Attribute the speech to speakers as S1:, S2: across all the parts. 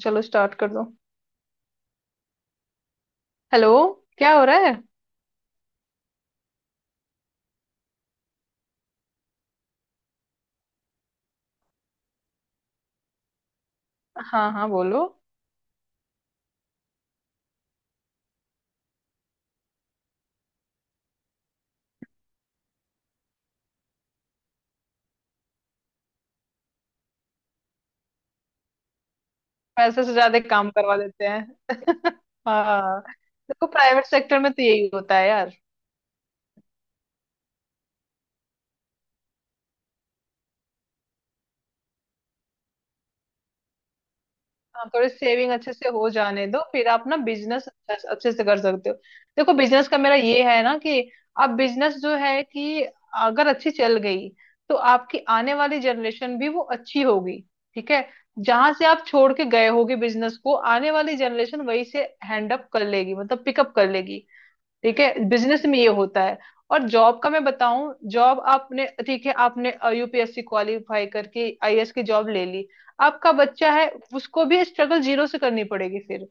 S1: चलो स्टार्ट कर दो। हेलो। क्या हो रहा है। हाँ हाँ, बोलो। पैसे से ज्यादा काम करवा देते हैं। हाँ। देखो प्राइवेट सेक्टर में तो यही होता है यार। हाँ, थोड़ी सेविंग अच्छे से हो जाने दो, फिर आप ना बिजनेस अच्छे अच्छे से कर सकते हो। देखो बिजनेस का मेरा ये है ना कि अब बिजनेस जो है कि अगर अच्छी चल गई तो आपकी आने वाली जनरेशन भी वो अच्छी होगी। ठीक है। जहां से आप छोड़ के गए होगे बिजनेस को, आने वाली जनरेशन वहीं से हैंड अप कर लेगी, मतलब पिकअप कर लेगी। ठीक है, बिजनेस में ये होता है। और जॉब का मैं बताऊं, जॉब आपने ठीक है आपने यूपीएससी क्वालिफाई करके आईएएस की जॉब ले ली, आपका बच्चा है, उसको भी स्ट्रगल जीरो से करनी पड़ेगी फिर।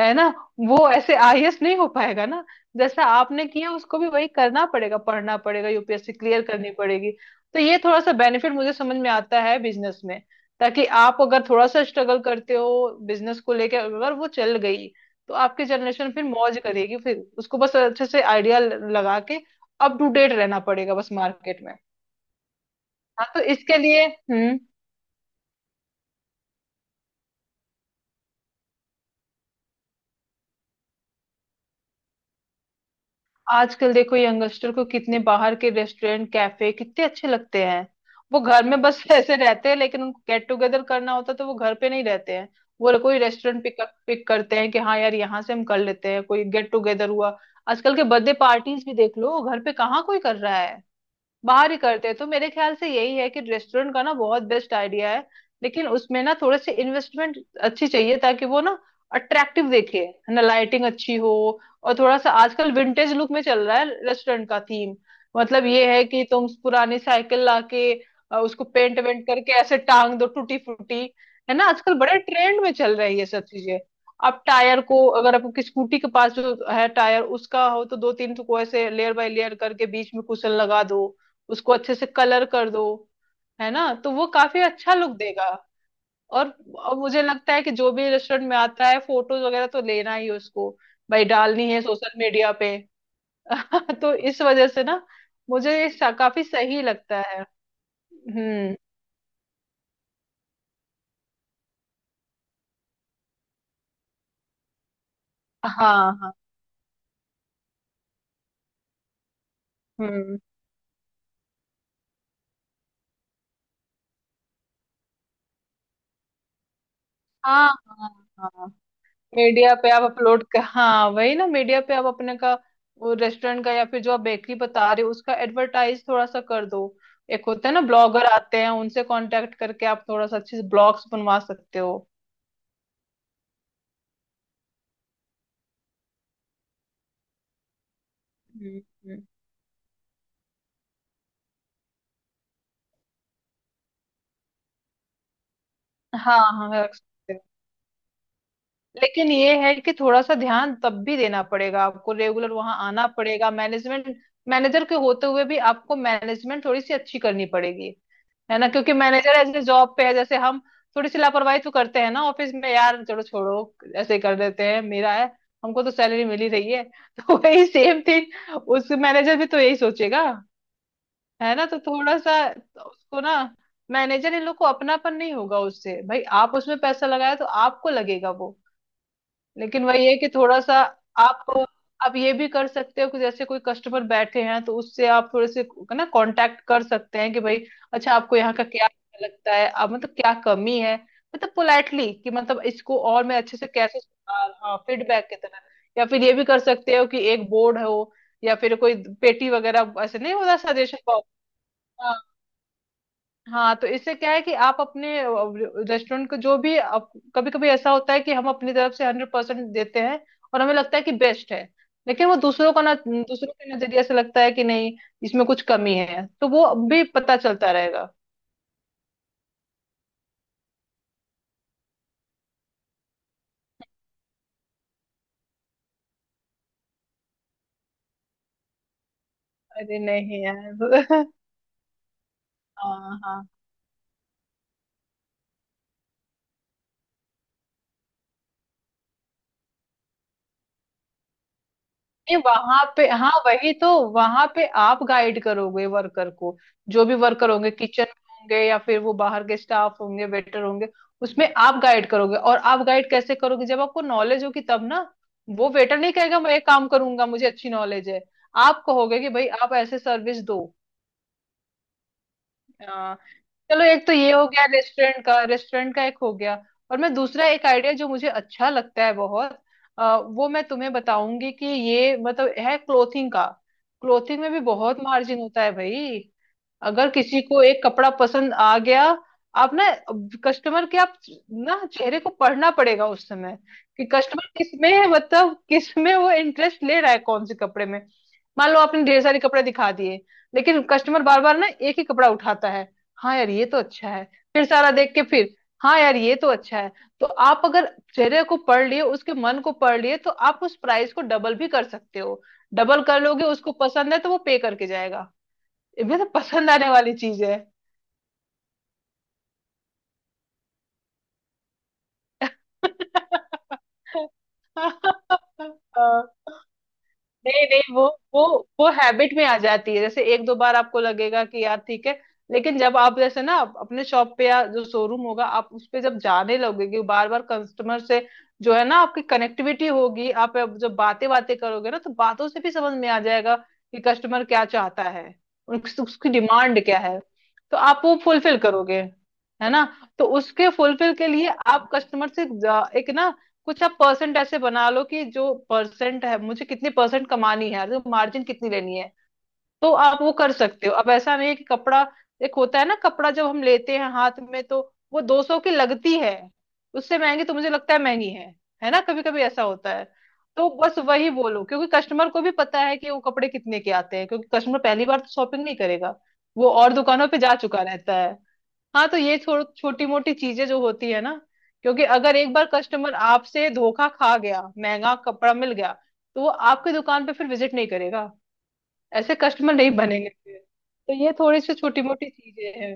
S1: है ना। वो ऐसे आईएएस नहीं हो पाएगा ना। जैसा आपने किया उसको भी वही करना पड़ेगा, पढ़ना पड़ेगा, यूपीएससी क्लियर करनी पड़ेगी। तो ये थोड़ा सा बेनिफिट मुझे समझ में आता है बिजनेस में, ताकि आप अगर थोड़ा सा स्ट्रगल करते हो बिजनेस को लेकर, अगर वो चल गई तो आपकी जनरेशन फिर मौज करेगी, फिर उसको बस अच्छे से आइडिया लगा के अप टू डेट रहना पड़ेगा बस मार्केट में। हाँ, तो इसके लिए हम्म, आजकल देखो यंगस्टर को कितने बाहर के रेस्टोरेंट कैफे कितने अच्छे लगते हैं। वो घर में बस ऐसे रहते हैं, लेकिन उनको गेट टुगेदर करना होता है तो वो घर पे नहीं रहते हैं। वो कोई रेस्टोरेंट पिक पिक करते हैं कि हाँ यार यहाँ से हम कर लेते हैं कोई गेट टुगेदर हुआ। आजकल के बर्थडे पार्टीज भी देख लो, घर पे कहाँ कोई कर रहा है। बाहर ही करते हैं। तो मेरे ख्याल से यही है कि रेस्टोरेंट का ना बहुत बेस्ट आइडिया है। लेकिन उसमें ना थोड़े से इन्वेस्टमेंट अच्छी चाहिए ताकि वो ना अट्रैक्टिव दिखे। है ना, लाइटिंग अच्छी हो। और थोड़ा सा आजकल विंटेज लुक में चल रहा है रेस्टोरेंट का थीम। मतलब ये है कि तुम पुरानी साइकिल लाके उसको पेंट वेंट करके ऐसे टांग दो टूटी फूटी। है ना, आजकल बड़े ट्रेंड में चल रही है ये सब चीजें। आप टायर को, अगर आपकी स्कूटी के पास जो है टायर उसका हो, तो दो तीन टुकड़े से लेयर बाय लेयर करके बीच में कुशन लगा दो, उसको अच्छे से कलर कर दो। है ना, तो वो काफी अच्छा लुक देगा। और, और मुझे लगता है कि जो भी रेस्टोरेंट में आता है फोटोज वगैरह तो लेना ही, उसको भाई डालनी है सोशल मीडिया पे। तो इस वजह से ना मुझे ये काफी सही लगता है। हम्म। हाँ हाँ। हम्म। हाँ हाँ हाँ, मीडिया पे आप अपलोड कर, हाँ वही ना, मीडिया पे आप अपने का वो रेस्टोरेंट का या फिर जो आप बेकरी बता रहे हो उसका एडवर्टाइज थोड़ा सा कर दो। एक होता है ना ब्लॉगर आते हैं, उनसे कांटेक्ट करके आप थोड़ा सा अच्छे से ब्लॉग्स बनवा सकते हो। हम्म। हम्म। हाँ हाँ, रख सकते हो। लेकिन ये है कि थोड़ा सा ध्यान तब भी देना पड़ेगा, आपको रेगुलर वहां आना पड़ेगा मैनेजमेंट, मैनेजर के होते हुए भी आपको मैनेजमेंट थोड़ी सी अच्छी करनी पड़ेगी। है ना, क्योंकि मैनेजर ऐसे जॉब पे है जैसे हम थोड़ी सी लापरवाही तो करते हैं ना ऑफिस में, यार चलो छोड़ो ऐसे ही कर देते हैं, मेरा है, हमको तो सैलरी मिल ही रही है। तो वही सेम थिंग उस मैनेजर भी तो यही सोचेगा। है ना, तो थोड़ा सा उसको ना, मैनेजर इन लोग को अपनापन नहीं होगा उससे, भाई आप उसमें पैसा लगाया तो आपको लगेगा वो। लेकिन वही है कि थोड़ा सा आप आप ये भी कर सकते हो कि जैसे कोई कस्टमर बैठे हैं तो उससे आप थोड़े से ना कांटेक्ट कर सकते हैं कि भाई अच्छा आपको यहाँ का क्या अच्छा लगता है, आप मतलब क्या कमी है, मतलब पोलाइटली कि मतलब इसको और मैं अच्छे से कैसे सुधार, हाँ फीडबैक की तरह। या फिर ये भी कर सकते हो कि एक बोर्ड हो या फिर कोई पेटी वगैरह, ऐसे नहीं होता सजेशन बॉक्स। हाँ, तो इससे क्या है कि आप अपने रेस्टोरेंट को, जो भी आप, कभी कभी ऐसा होता है कि हम अपनी तरफ से 100% देते हैं और हमें लगता है कि बेस्ट है, लेकिन वो दूसरों का ना, दूसरों के नजरिए से लगता है कि नहीं इसमें कुछ कमी है, तो वो भी पता चलता रहेगा। अरे नहीं यार। हाँ हाँ, नहीं वहां पे, हाँ वही तो, वहां पे आप गाइड करोगे वर्कर को। जो भी वर्कर होंगे किचन में होंगे या फिर वो बाहर के स्टाफ होंगे वेटर होंगे, उसमें आप गाइड करोगे। और आप गाइड कैसे करोगे, जब आपको नॉलेज होगी तब ना। वो वेटर नहीं कहेगा मैं ये काम करूंगा, मुझे अच्छी नॉलेज है। आप कहोगे कि भाई आप ऐसे सर्विस दो। आ, चलो, एक तो ये हो गया रेस्टोरेंट का एक हो गया। और मैं दूसरा एक आइडिया जो मुझे अच्छा लगता है बहुत, वो मैं तुम्हें बताऊंगी कि ये मतलब है क्लोथिंग का। क्लोथिंग में भी बहुत मार्जिन होता है भाई। अगर किसी को एक कपड़ा पसंद आ गया, आप ना, कस्टमर के आप ना चेहरे को पढ़ना पड़ेगा उस समय, कि कस्टमर किस में है, मतलब किस में वो इंटरेस्ट ले रहा है, कौन से कपड़े में। मान लो आपने ढेर सारे कपड़े दिखा दिए, लेकिन कस्टमर बार बार ना एक ही कपड़ा उठाता है, हाँ यार ये तो अच्छा है, फिर सारा देख के फिर हाँ यार ये तो अच्छा है। तो आप अगर चेहरे को पढ़ लिए, उसके मन को पढ़ लिए, तो आप उस प्राइस को डबल भी कर सकते हो। डबल कर लोगे, उसको पसंद है तो वो पे करके जाएगा। ये भी तो पसंद आने वाली चीज है। नहीं नहीं, वो वो हैबिट में आ जाती है। जैसे एक दो बार आपको लगेगा कि यार ठीक है, लेकिन जब आप जैसे ना आप अपने शॉप पे या जो शोरूम होगा आप उस पे जब जाने लगोगे बार बार, कस्टमर से जो है ना आपकी कनेक्टिविटी होगी, आप अब जब बातें बातें करोगे ना, तो बातों से भी समझ में आ जाएगा कि कस्टमर क्या चाहता है, उसकी डिमांड क्या है, तो आप वो फुलफिल करोगे। है ना, तो उसके फुलफिल के लिए आप कस्टमर से एक ना कुछ आप परसेंट ऐसे बना लो, कि जो परसेंट है मुझे कितनी परसेंट कमानी है तो मार्जिन कितनी लेनी है, तो आप वो कर सकते हो। अब ऐसा नहीं है कि कपड़ा, एक होता है ना कपड़ा जब हम लेते हैं हाथ में, तो वो 200 की लगती है, उससे महंगी तो मुझे लगता है महंगी है। है ना, कभी कभी ऐसा होता है। तो बस वही बोलो, क्योंकि कस्टमर को भी पता है कि वो कपड़े कितने के आते हैं, क्योंकि कस्टमर पहली बार तो शॉपिंग नहीं करेगा, वो और दुकानों पे जा चुका रहता है। हाँ, तो ये छोड़ छोटी मोटी चीजें जो होती है ना, क्योंकि अगर एक बार कस्टमर आपसे धोखा खा गया, महंगा कपड़ा मिल गया, तो वो आपकी दुकान पे फिर विजिट नहीं करेगा, ऐसे कस्टमर नहीं बनेंगे फिर। तो ये थोड़ी सी छोटी मोटी चीजें हैं।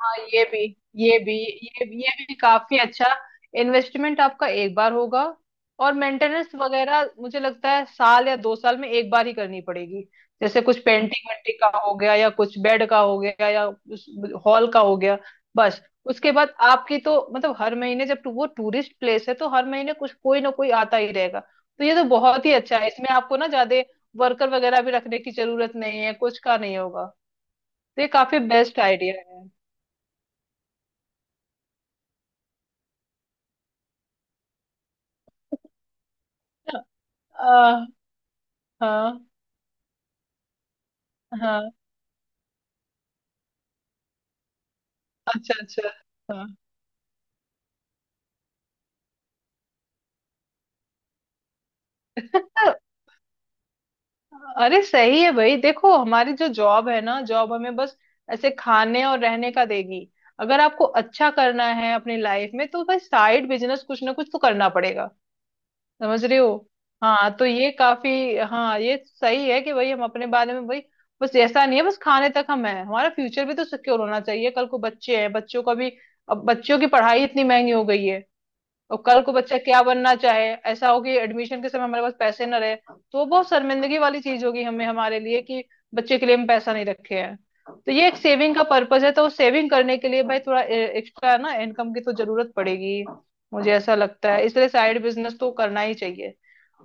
S1: हाँ ये भी, ये भी ये भी काफी अच्छा। इन्वेस्टमेंट आपका एक बार होगा, और मेंटेनेंस वगैरह मुझे लगता है साल या दो साल में एक बार ही करनी पड़ेगी, जैसे कुछ पेंटिंग वेंटिंग का हो गया या कुछ बेड का हो गया या उस हॉल का हो गया, बस। उसके बाद आपकी तो मतलब हर महीने, जब वो टूरिस्ट प्लेस है तो हर महीने कुछ कोई ना कोई आता ही रहेगा, तो ये तो बहुत ही अच्छा है, इसमें आपको ना ज्यादा वर्कर वगैरह भी रखने की जरूरत नहीं है, कुछ का नहीं होगा। तो ये काफी बेस्ट आइडिया है। आ, हाँ हाँ, अच्छा अच्छा। हाँ। अरे सही है भाई। देखो हमारी जो जॉब है ना, जॉब हमें बस ऐसे खाने और रहने का देगी। अगर आपको अच्छा करना है अपनी लाइफ में तो भाई साइड बिजनेस कुछ ना कुछ तो करना पड़ेगा। समझ रहे हो। हाँ तो ये काफी, हाँ ये सही है कि भाई हम अपने बारे में भाई बस ऐसा नहीं है बस खाने तक हम है, हमारा फ्यूचर भी तो सिक्योर होना चाहिए, कल को बच्चे हैं बच्चों का भी। अब बच्चों की पढ़ाई इतनी महंगी हो गई है, और कल को बच्चा क्या बनना चाहे, ऐसा हो कि एडमिशन के समय हमारे पास पैसे ना रहे तो वो बहुत शर्मिंदगी वाली चीज होगी हमें, हमारे लिए कि बच्चे के लिए हम पैसा नहीं रखे हैं। तो ये एक सेविंग का पर्पज है, तो सेविंग करने के लिए भाई थोड़ा एक्स्ट्रा ना इनकम की तो जरूरत पड़ेगी, मुझे ऐसा लगता है, इसलिए साइड बिजनेस तो करना ही चाहिए।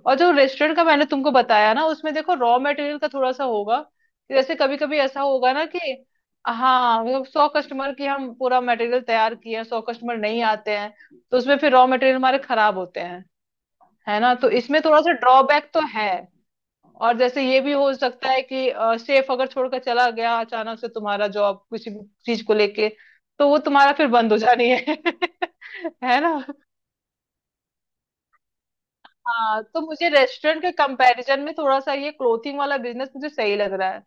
S1: और जो रेस्टोरेंट का मैंने तुमको बताया ना, उसमें देखो रॉ मटेरियल का थोड़ा सा होगा, जैसे कभी कभी ऐसा होगा ना कि हाँ मतलब 100 कस्टमर की हम पूरा मटेरियल तैयार किए हैं, 100 कस्टमर नहीं आते हैं, तो उसमें फिर रॉ मटेरियल हमारे खराब होते हैं। है ना, तो इसमें थोड़ा सा ड्रॉबैक तो है। और जैसे ये भी हो सकता है कि सेफ अगर छोड़कर चला गया अचानक से, तुम्हारा जॉब किसी भी चीज को लेके, तो वो तुम्हारा फिर बंद हो जानी है। है ना। हाँ तो मुझे रेस्टोरेंट के कंपैरिजन में थोड़ा सा ये क्लोथिंग वाला बिजनेस मुझे सही लग रहा है।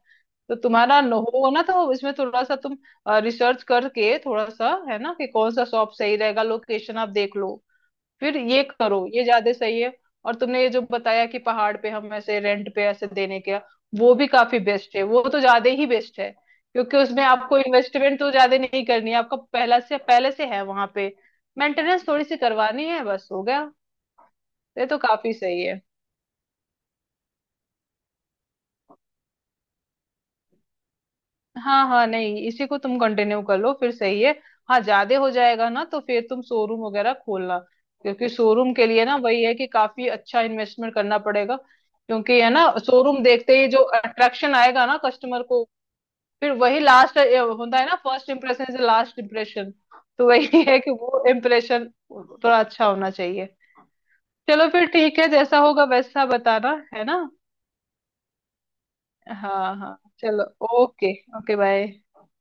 S1: तो तुम्हारा न हो ना, तो इसमें थोड़ा सा तुम रिसर्च करके, थोड़ा सा है ना कि कौन सा शॉप सही रहेगा, लोकेशन आप देख लो, फिर ये करो, ये ज्यादा सही है। और तुमने ये जो बताया कि पहाड़ पे हम ऐसे रेंट पे ऐसे देने के, वो भी काफी बेस्ट है, वो तो ज्यादा ही बेस्ट है। क्योंकि उसमें आपको इन्वेस्टमेंट तो ज्यादा नहीं करनी है, आपका पहला से, पहले से है वहां पे। मेंटेनेंस थोड़ी सी करवानी है, बस हो गया। ये तो काफी सही है। हाँ हाँ, नहीं इसी को तुम कंटिन्यू कर लो, फिर सही है। हाँ ज्यादा हो जाएगा ना, तो फिर तुम शोरूम वगैरह खोलना। क्योंकि शोरूम के लिए ना वही है कि काफी अच्छा इन्वेस्टमेंट करना पड़ेगा, क्योंकि है ना शोरूम देखते ही जो अट्रैक्शन आएगा ना कस्टमर को, फिर वही लास्ट होता है ना, first impression is last impression. तो वही है कि वो इम्प्रेशन थोड़ा अच्छा होना चाहिए। चलो फिर ठीक है, जैसा होगा वैसा बताना, है ना। हाँ हाँ, चलो। ओके। Okay bye.